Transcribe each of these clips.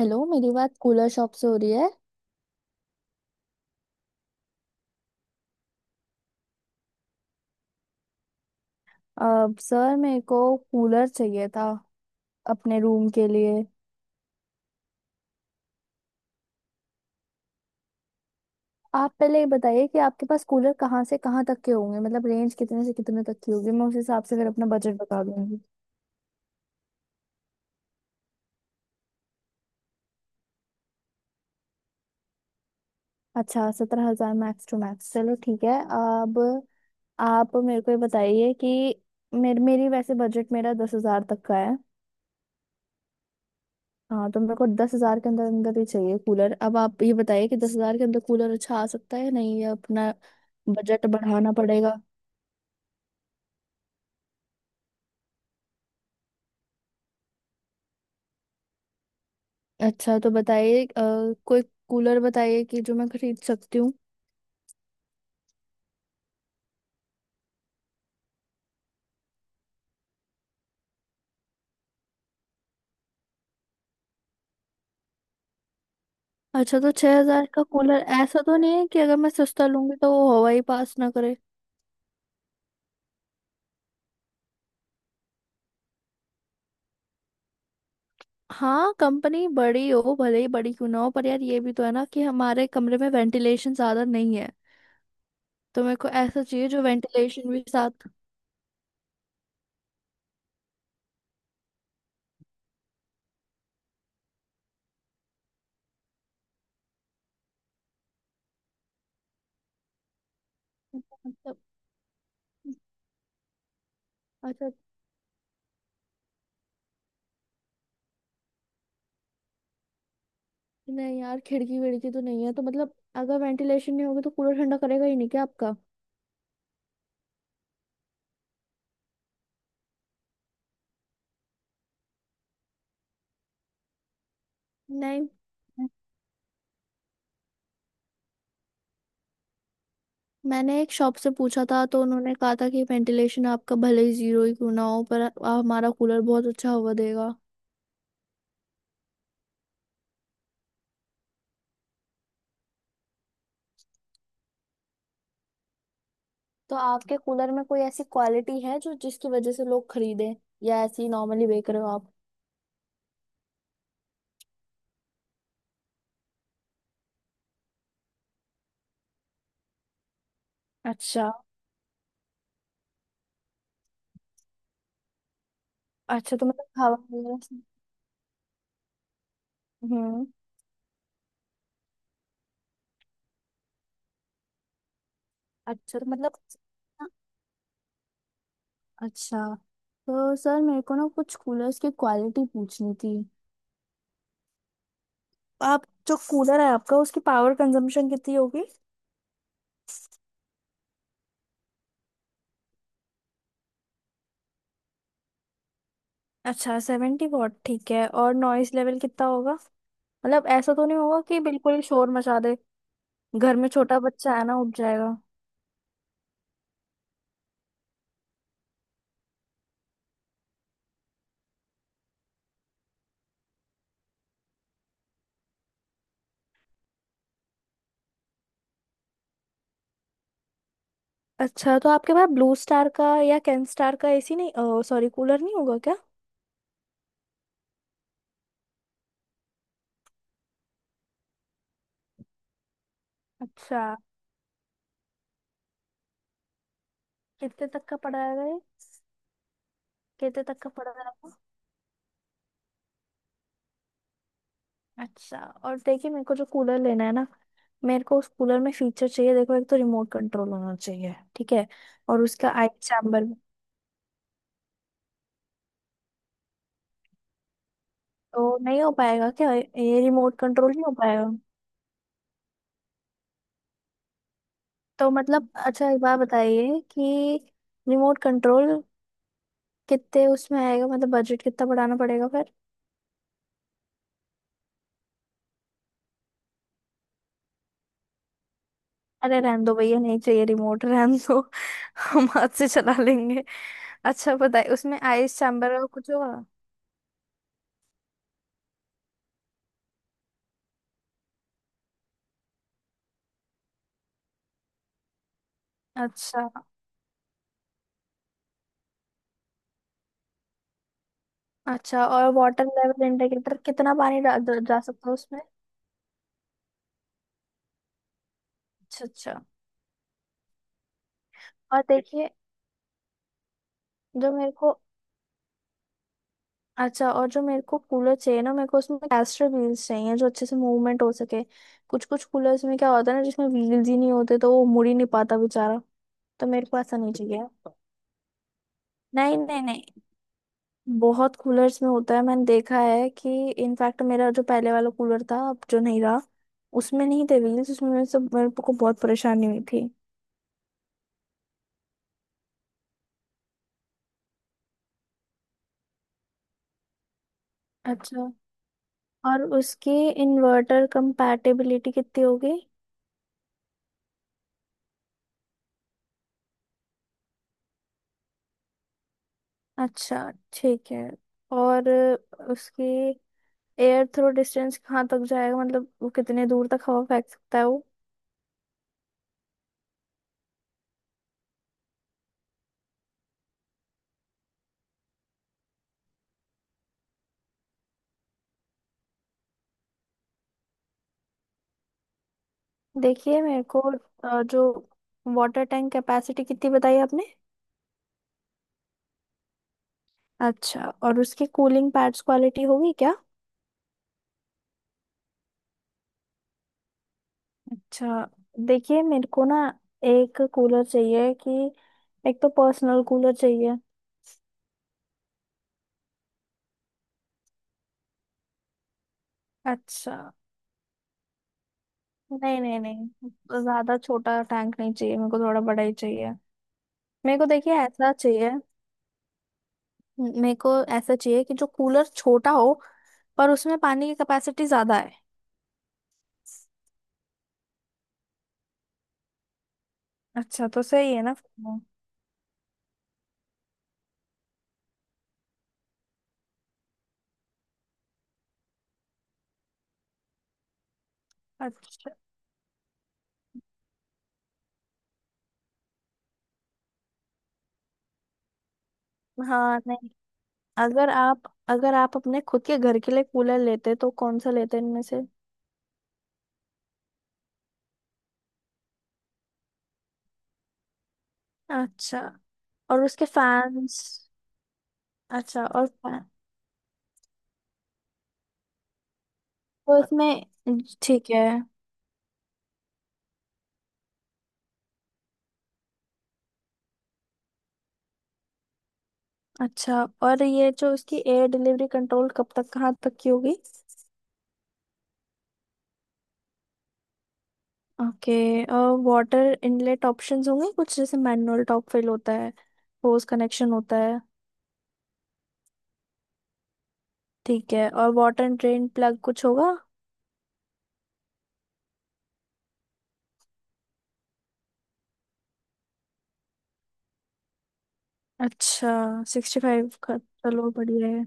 Hello, मेरी बात cooler shop से हो रही है। अब सर मेरे को कूलर चाहिए था अपने रूम के लिए। आप पहले ये बताइए कि आपके पास कूलर कहाँ से कहाँ तक के होंगे, मतलब रेंज कितने से कितने तक की होगी। मैं उस हिसाब से फिर अपना बजट बता दूंगी। अच्छा, 17,000 मैक्स टू मैक्स, चलो ठीक है। अब आप मेरे को ये बताइए कि मेरी वैसे बजट मेरा 10,000 तक का है। हाँ तो मेरे को 10,000 के अंदर अंदर ही चाहिए कूलर। अब आप ये बताइए कि 10,000 के अंदर कूलर अच्छा आ सकता है या नहीं, या अपना बजट बढ़ाना पड़ेगा। अच्छा तो बताइए कोई कूलर बताइए कि जो मैं खरीद सकती हूँ। अच्छा, तो 6,000 का कूलर ऐसा तो नहीं है कि अगर मैं सस्ता लूंगी तो वो हवा ही पास ना करे? हाँ, कंपनी बड़ी हो, भले ही बड़ी क्यों ना हो, पर यार ये भी तो है ना कि हमारे कमरे में वेंटिलेशन ज्यादा नहीं है। तो मेरे को ऐसा चाहिए जो वेंटिलेशन भी साथ। मतलब। अच्छा। नहीं यार, खिड़की विड़की तो नहीं है, तो मतलब अगर वेंटिलेशन नहीं होगी तो कूलर ठंडा करेगा ही नहीं क्या आपका? नहीं। मैंने एक शॉप से पूछा था तो उन्होंने कहा था कि वेंटिलेशन आपका भले ही जीरो ही क्यों ना हो पर हमारा कूलर बहुत अच्छा हवा देगा। तो आपके कूलर में कोई ऐसी क्वालिटी है जो जिसकी वजह से लोग खरीदें, या ऐसे ही नॉर्मली बेच रहे हो आप? अच्छा। अच्छा तो मतलब हवा। हम्म। अच्छा तो मतलब। अच्छा तो सर मेरे को ना कुछ कूलर्स की क्वालिटी पूछनी थी। आप जो कूलर है आपका, उसकी पावर कंजम्पशन कितनी होगी? अच्छा, 70 वॉट, ठीक है। और नॉइस लेवल कितना होगा? मतलब ऐसा तो नहीं होगा कि बिल्कुल ही शोर मचा दे। घर में छोटा बच्चा है ना, उठ जाएगा। अच्छा तो आपके पास ब्लू स्टार का या कैन स्टार का एसी नहीं, सॉरी, कूलर नहीं होगा क्या? अच्छा। कितने तक का पड़ा है ये? कितने तक का पड़ा है आपको? अच्छा। और देखिए मेरे को जो कूलर लेना है ना, मेरे को उस कूलर में फीचर चाहिए। देखो, एक तो रिमोट कंट्रोल होना चाहिए, ठीक है? और उसका आई चैम्बर। तो नहीं हो पाएगा क्या ये रिमोट कंट्रोल, नहीं हो पाएगा? तो मतलब अच्छा, एक बात बताइए कि रिमोट कंट्रोल कितने उसमें आएगा, मतलब बजट कितना बढ़ाना पड़ेगा फिर? अरे रहने दो भैया, नहीं चाहिए रिमोट, रहने दो। हम हाथ से चला लेंगे। अच्छा बताइए उसमें आइस चैम्बर का कुछ होगा? अच्छा। अच्छा, और वाटर लेवल इंडिकेटर, कितना पानी डा- डा- जा सकता है उसमें? अच्छा। अच्छा और देखिए जो मेरे को। अच्छा और जो मेरे को कूलर चाहिए ना, मेरे को उसमें कैस्टर व्हील्स चाहिए जो अच्छे से मूवमेंट हो सके। कुछ कुछ कूलर्स में क्या होता है ना, जिसमें व्हील्स ही नहीं होते, तो वो मुड़ ही नहीं पाता बेचारा। तो मेरे को ऐसा नहीं चाहिए। नहीं नहीं नहीं, बहुत कूलर्स में होता है, मैंने देखा है कि इनफैक्ट मेरा जो पहले वाला कूलर था, अब जो नहीं रहा, उसमें नहीं थे व्हील्स। उसमें मेरे से मेरे को बहुत परेशानी हुई थी। अच्छा, और उसकी इन्वर्टर कंपैटिबिलिटी कितनी होगी? अच्छा ठीक है। और उसकी एयर थ्रो डिस्टेंस कहाँ तक जाएगा, मतलब वो कितने दूर तक हवा फेंक सकता है वो? देखिए मेरे को जो वाटर टैंक कैपेसिटी कितनी बताई आपने? अच्छा, और उसकी कूलिंग पैड्स क्वालिटी होगी क्या? अच्छा। देखिए मेरे को ना, एक कूलर चाहिए कि एक तो पर्सनल कूलर चाहिए। अच्छा। नहीं नहीं नहीं, ज्यादा छोटा टैंक नहीं चाहिए मेरे को, थोड़ा बड़ा ही चाहिए। मेरे को देखिए ऐसा चाहिए, मेरे को ऐसा चाहिए कि जो कूलर छोटा हो पर उसमें पानी की कैपेसिटी ज्यादा है। अच्छा, तो सही है ना फिर वो। अच्छा। हाँ नहीं, अगर आप अपने खुद के घर के लिए कूलर लेते तो कौन सा लेते इनमें से? अच्छा, और उसके फैंस। अच्छा और फैन। तो इसमें, ठीक है। अच्छा, और ये जो उसकी एयर डिलीवरी कंट्रोल, कब तक कहाँ तक की होगी? ओके। वाटर इनलेट ऑप्शंस होंगे कुछ, जैसे मैनुअल टॉप फिल होता है, होस कनेक्शन होता है? ठीक है। और वाटर ड्रेन प्लग कुछ होगा? अच्छा, सिक्सटी फाइव का, चलो बढ़िया है।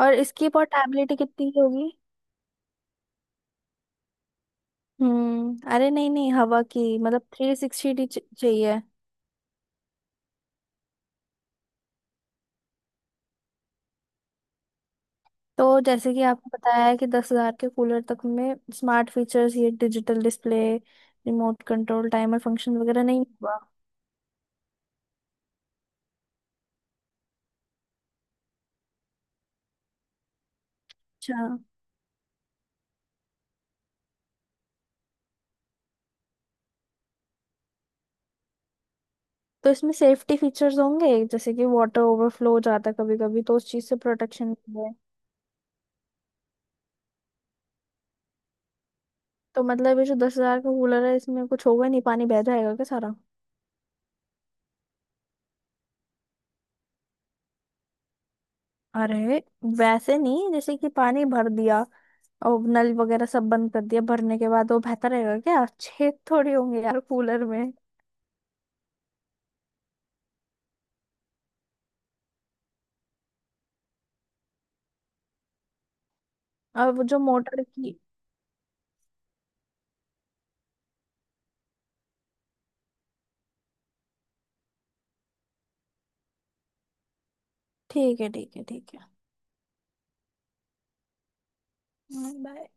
और इसकी पोर्टेबिलिटी कितनी की होगी? हम्म, अरे नहीं नहीं, हवा की मतलब, थ्री सिक्सटी चाहिए। तो जैसे कि आपको बताया है कि दस हजार के कूलर तक में स्मार्ट फीचर्स, ये digital display, remote control, timer function वगैरह नहीं हुआ? अच्छा। तो इसमें सेफ्टी फीचर्स होंगे, जैसे कि वाटर ओवरफ्लो हो जाता है कभी कभी, तो उस चीज से प्रोटेक्शन है? तो मतलब ये जो दस हजार का कूलर है, इसमें कुछ होगा नहीं, पानी बह जाएगा क्या सारा? अरे वैसे नहीं, जैसे कि पानी भर दिया और नल वगैरह सब बंद कर दिया भरने के बाद, वो बहता रहेगा क्या? छेद थोड़ी होंगे यार कूलर में। और वो जो मोटर की। ठीक है, ठीक है, ठीक है। बाय।